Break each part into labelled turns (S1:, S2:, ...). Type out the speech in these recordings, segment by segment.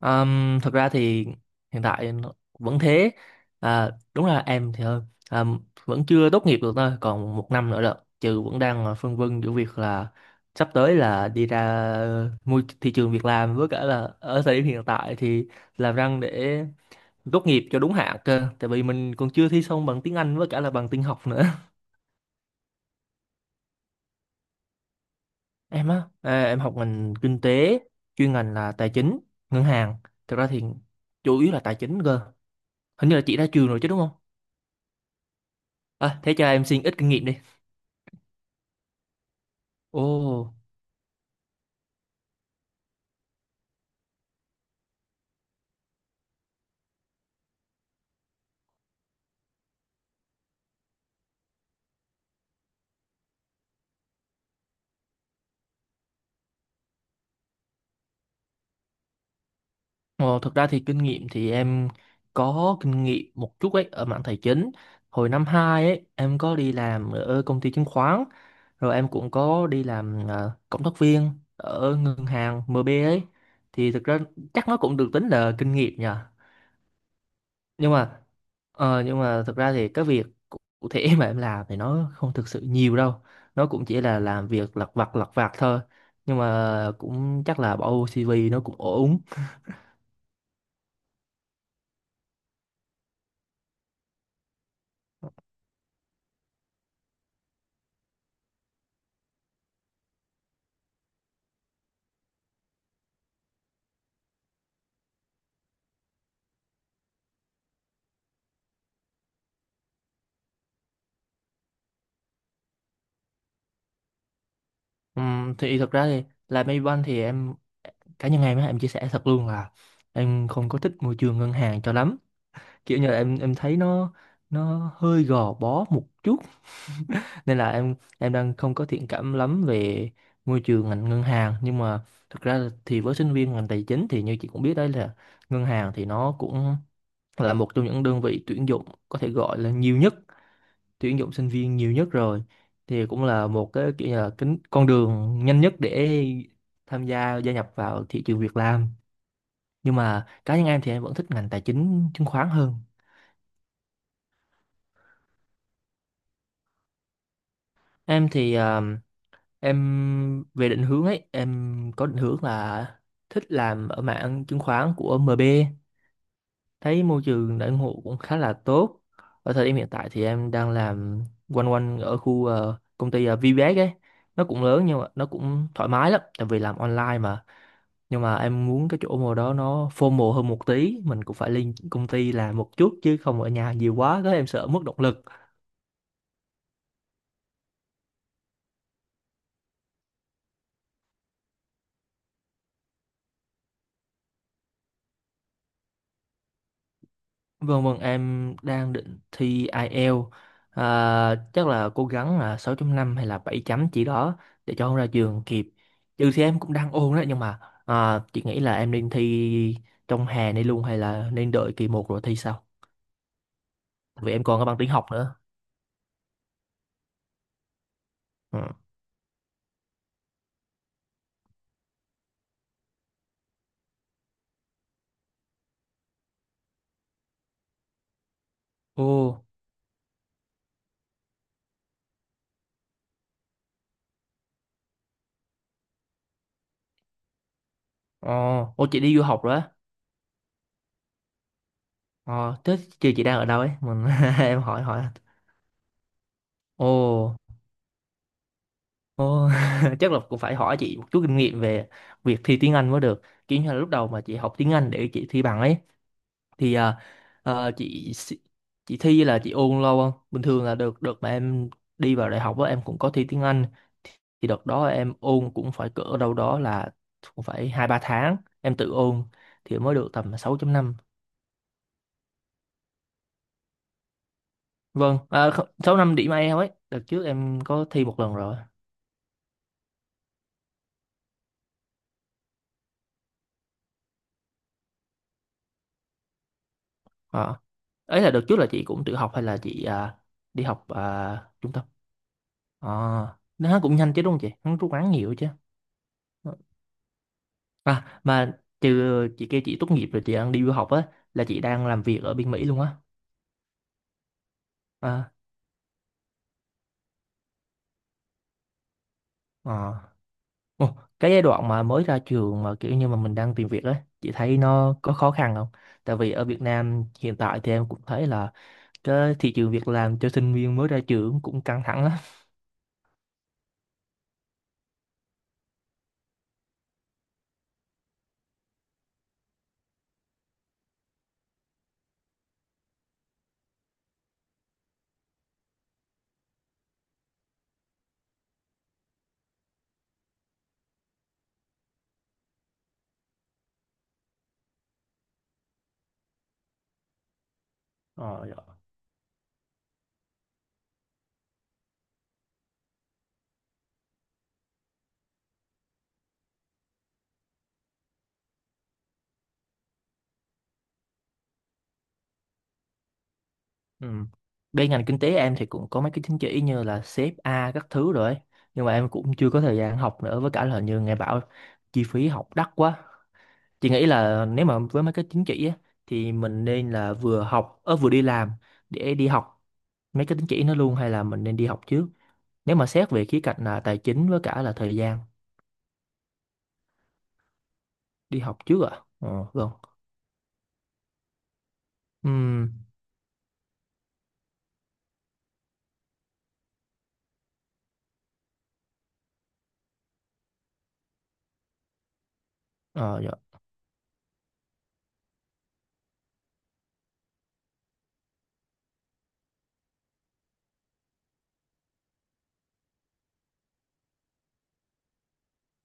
S1: Thật ra thì hiện tại nó vẫn thế. À, đúng là em thì hơn. À, vẫn chưa tốt nghiệp được, thôi còn 1 năm nữa rồi, trừ vẫn đang, à, phân vân giữa việc là sắp tới là đi ra môi thị trường việc làm, với cả là ở thời điểm hiện tại thì làm răng để tốt nghiệp cho đúng hạn cơ, tại vì mình còn chưa thi xong bằng tiếng Anh với cả là bằng tin học nữa. Em á, à, em học ngành kinh tế, chuyên ngành là tài chính ngân hàng. Thực ra thì chủ yếu là tài chính cơ. Hình như là chị ra trường rồi chứ, đúng không? À, thế cho em xin ít kinh nghiệm đi. Ồ, ồ, thực ra thì kinh nghiệm thì em có kinh nghiệm một chút ấy ở mảng tài chính. Hồi năm 2 ấy, em có đi làm ở công ty chứng khoán, rồi em cũng có đi làm, à, cộng tác viên ở ngân hàng MB ấy. Thì thực ra chắc nó cũng được tính là kinh nghiệm nhỉ. Nhưng mà, nhưng mà thực ra thì cái việc cụ cụ thể mà em làm thì nó không thực sự nhiều đâu, nó cũng chỉ là làm việc lặt vặt thôi, nhưng mà cũng chắc là bỏ vô CV nó cũng ổn. Thì thực ra thì làm Maybank thì em, cá nhân em á, em chia sẻ thật luôn là em không có thích môi trường ngân hàng cho lắm. Kiểu như là em thấy nó hơi gò bó một chút. Nên là em đang không có thiện cảm lắm về môi trường ngành ngân hàng. Nhưng mà thực ra thì với sinh viên ngành tài chính thì như chị cũng biết đấy, là ngân hàng thì nó cũng là một trong những đơn vị tuyển dụng có thể gọi là nhiều nhất, tuyển dụng sinh viên nhiều nhất rồi, thì cũng là một cái kiểu như là cái con đường nhanh nhất để tham gia gia nhập vào thị trường việc làm. Nhưng mà cá nhân em thì em vẫn thích ngành tài chính chứng khoán hơn. Em thì, à, em về định hướng ấy, em có định hướng là thích làm ở mảng chứng khoán của MB. Thấy môi trường đãi ngộ cũng khá là tốt. Ở thời điểm hiện tại thì em đang làm quanh quanh ở khu, công ty, VBS ấy. Nó cũng lớn nhưng mà nó cũng thoải mái lắm, tại vì làm online mà. Nhưng mà em muốn cái chỗ mô đó nó formal hơn một tí, mình cũng phải lên công ty làm một chút chứ không ở nhà nhiều quá, có em sợ mất động lực. Vâng vâng, em đang định thi IELTS. À, chắc là cố gắng là 6.5 hay là 7 chấm chỉ đó để cho không ra trường kịp, trừ thì em cũng đang ôn đó. Nhưng mà, à, chị nghĩ là em nên thi trong hè này luôn hay là nên đợi kỳ một rồi thi sau, vì em còn có bằng tiếng học nữa. Ừ. Ồ. Ờ. Ồ, chị đi du học rồi á. Ờ, thế chị đang ở đâu ấy, mình em hỏi hỏi. Ồ. Ồ. Chắc là cũng phải hỏi chị một chút kinh nghiệm về việc thi tiếng Anh mới được. Kiểu như là lúc đầu mà chị học tiếng Anh để chị thi bằng ấy thì, à, à, chị thi, là chị ôn lâu không? Bình thường là được được mà em đi vào đại học á em cũng có thi tiếng Anh, thì đợt đó em ôn cũng phải cỡ đâu đó là cũng phải 2 3 tháng em tự ôn thì mới được tầm 6 năm. Vâng, à, 6.5 điểm IELTS ấy. Đợt trước em có thi một lần rồi. Ờ. Ấy là đợt trước là chị cũng tự học hay là chị, à, đi học, à, trung tâm? À, nó cũng nhanh chứ đúng không chị? Hắn rút ngắn nhiều chứ. À, mà trừ chị kêu chị tốt nghiệp rồi chị đang đi du học á, là chị đang làm việc ở bên Mỹ luôn á. À. À. Ồ, cái giai đoạn mà mới ra trường mà kiểu như mà mình đang tìm việc á, chị thấy nó có khó khăn không? Tại vì ở Việt Nam hiện tại thì em cũng thấy là cái thị trường việc làm cho sinh viên mới ra trường cũng căng thẳng lắm. Ờ. Ừ. Bên ngành kinh tế em thì cũng có mấy cái chứng chỉ như là xê ép a các thứ rồi ấy. Nhưng mà em cũng chưa có thời gian học nữa, với cả là như nghe bảo chi phí học đắt quá. Chị nghĩ là nếu mà với mấy cái chứng chỉ á, thì mình nên là vừa học ở vừa đi làm để đi học mấy cái chứng chỉ nó luôn, hay là mình nên đi học trước? Nếu mà xét về khía cạnh là tài chính với cả là thời gian. Đi học trước ạ? À? Ờ vâng. Ừm. Ờ dạ.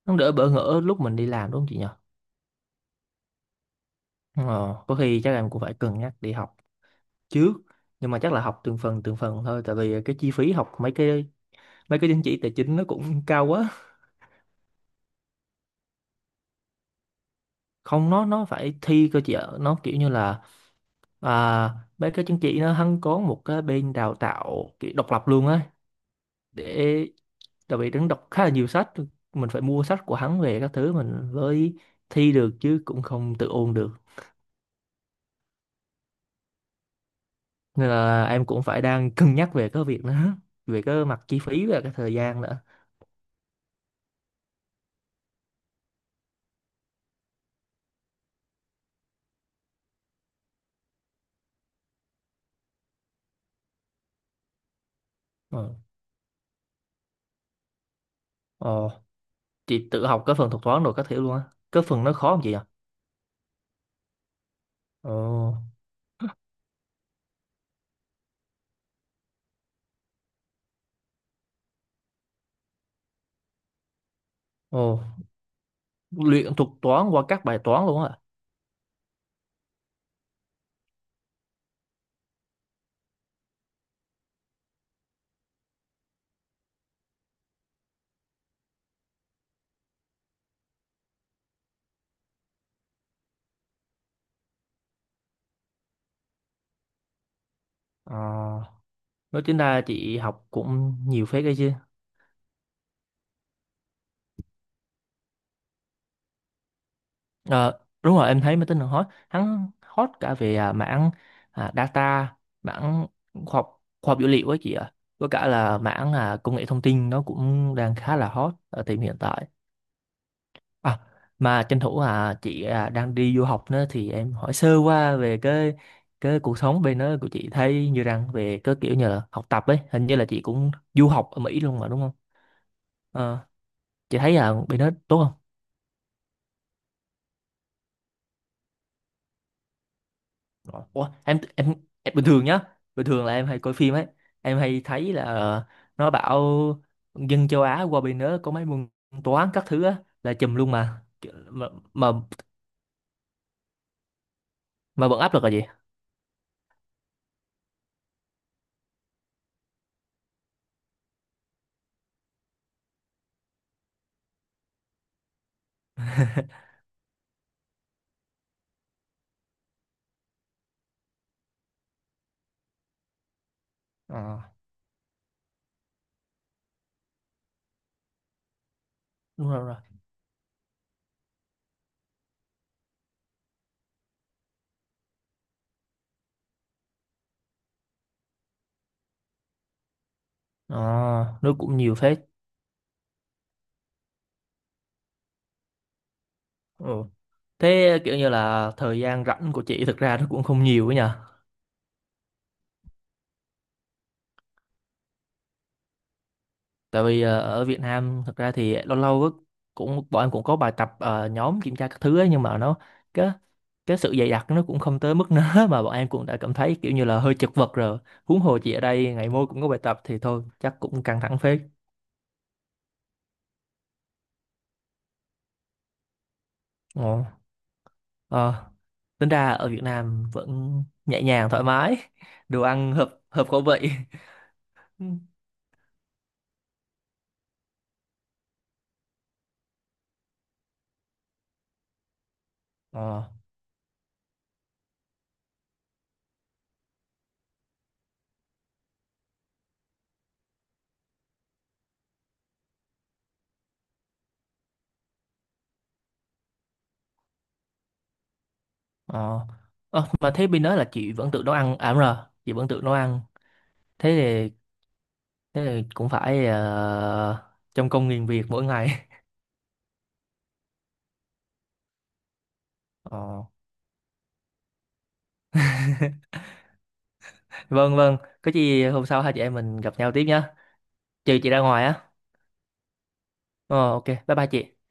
S1: Nó đỡ bỡ ngỡ lúc mình đi làm đúng không chị nhỉ? Ờ. Có khi chắc em cũng phải cân nhắc đi học trước, nhưng mà chắc là học từng phần thôi, tại vì cái chi phí học mấy cái, mấy cái chứng chỉ tài chính nó cũng cao quá. Không, nó phải thi cơ chị ạ, nó kiểu như là, à, mấy cái chứng chỉ nó hắn có một cái bên đào tạo kiểu độc lập luôn á, để, tại vì hắn đọc khá là nhiều sách, mình phải mua sách của hắn về các thứ mình mới thi được chứ cũng không tự ôn được. Nên là em cũng phải đang cân nhắc về cái việc đó, về cái mặt chi phí và cái thời gian nữa. Ờ. Ờ, chị tự học cái phần thuật toán rồi các thứ luôn á, cái phần nó khó không chị ạ? Ồ. Ồ. Luyện thuật toán qua các bài toán luôn á. À. Nói tính ra chị học cũng nhiều phết đấy chứ. Ờ, đúng rồi em thấy máy tính nó hot, hắn hot cả về, à, mảng, à, data, mảng khoa học, khoa học dữ liệu ấy chị ạ. Với cả là mảng, à, công nghệ thông tin nó cũng đang khá là hot ở thời điểm hiện tại. À, mà tranh thủ, à, chị, à, đang đi du học nữa thì em hỏi sơ qua về cái cuộc sống bên đó của chị thấy như rằng về cái kiểu như là học tập ấy, hình như là chị cũng du học ở Mỹ luôn mà đúng không? Ờ, chị thấy, à, bên đó tốt không? Ờ. Ủa, em bình thường nhá, bình thường là em hay coi phim ấy, em hay thấy là, nó bảo dân châu Á qua bên đó có mấy môn toán các thứ á là chùm luôn mà. Mà, mà, mà vẫn áp lực là gì? Ờ, đúng rồi, đúng rồi. Ờ, nó cũng nhiều phết. Ừ. Thế kiểu như là thời gian rảnh của chị thực ra nó cũng không nhiều ấy nhờ. Tại vì, ở Việt Nam thực ra thì lâu lâu á, cũng bọn em cũng có bài tập, nhóm kiểm tra các thứ ấy, nhưng mà nó, cái cái sự dày đặc nó cũng không tới mức nớ mà bọn em cũng đã cảm thấy kiểu như là hơi chật vật rồi. Huống hồ chị ở đây ngày môi cũng có bài tập thì thôi chắc cũng căng thẳng phết. Ồ. Ờ. Tính ra ở Việt Nam vẫn nhẹ nhàng thoải mái, đồ ăn hợp hợp khẩu vị. Ờ. Ờ. Ờ, mà thế bên đó là chị vẫn tự nấu ăn à? Đúng rồi, chị vẫn tự nấu ăn. Thế thì, thế thì cũng phải, trong công nghìn việc mỗi ngày. Ờ. Vâng vâng, có gì hôm sau hai chị em mình gặp nhau tiếp nhá. Trừ chị ra ngoài á. Ờ, ok bye bye chị.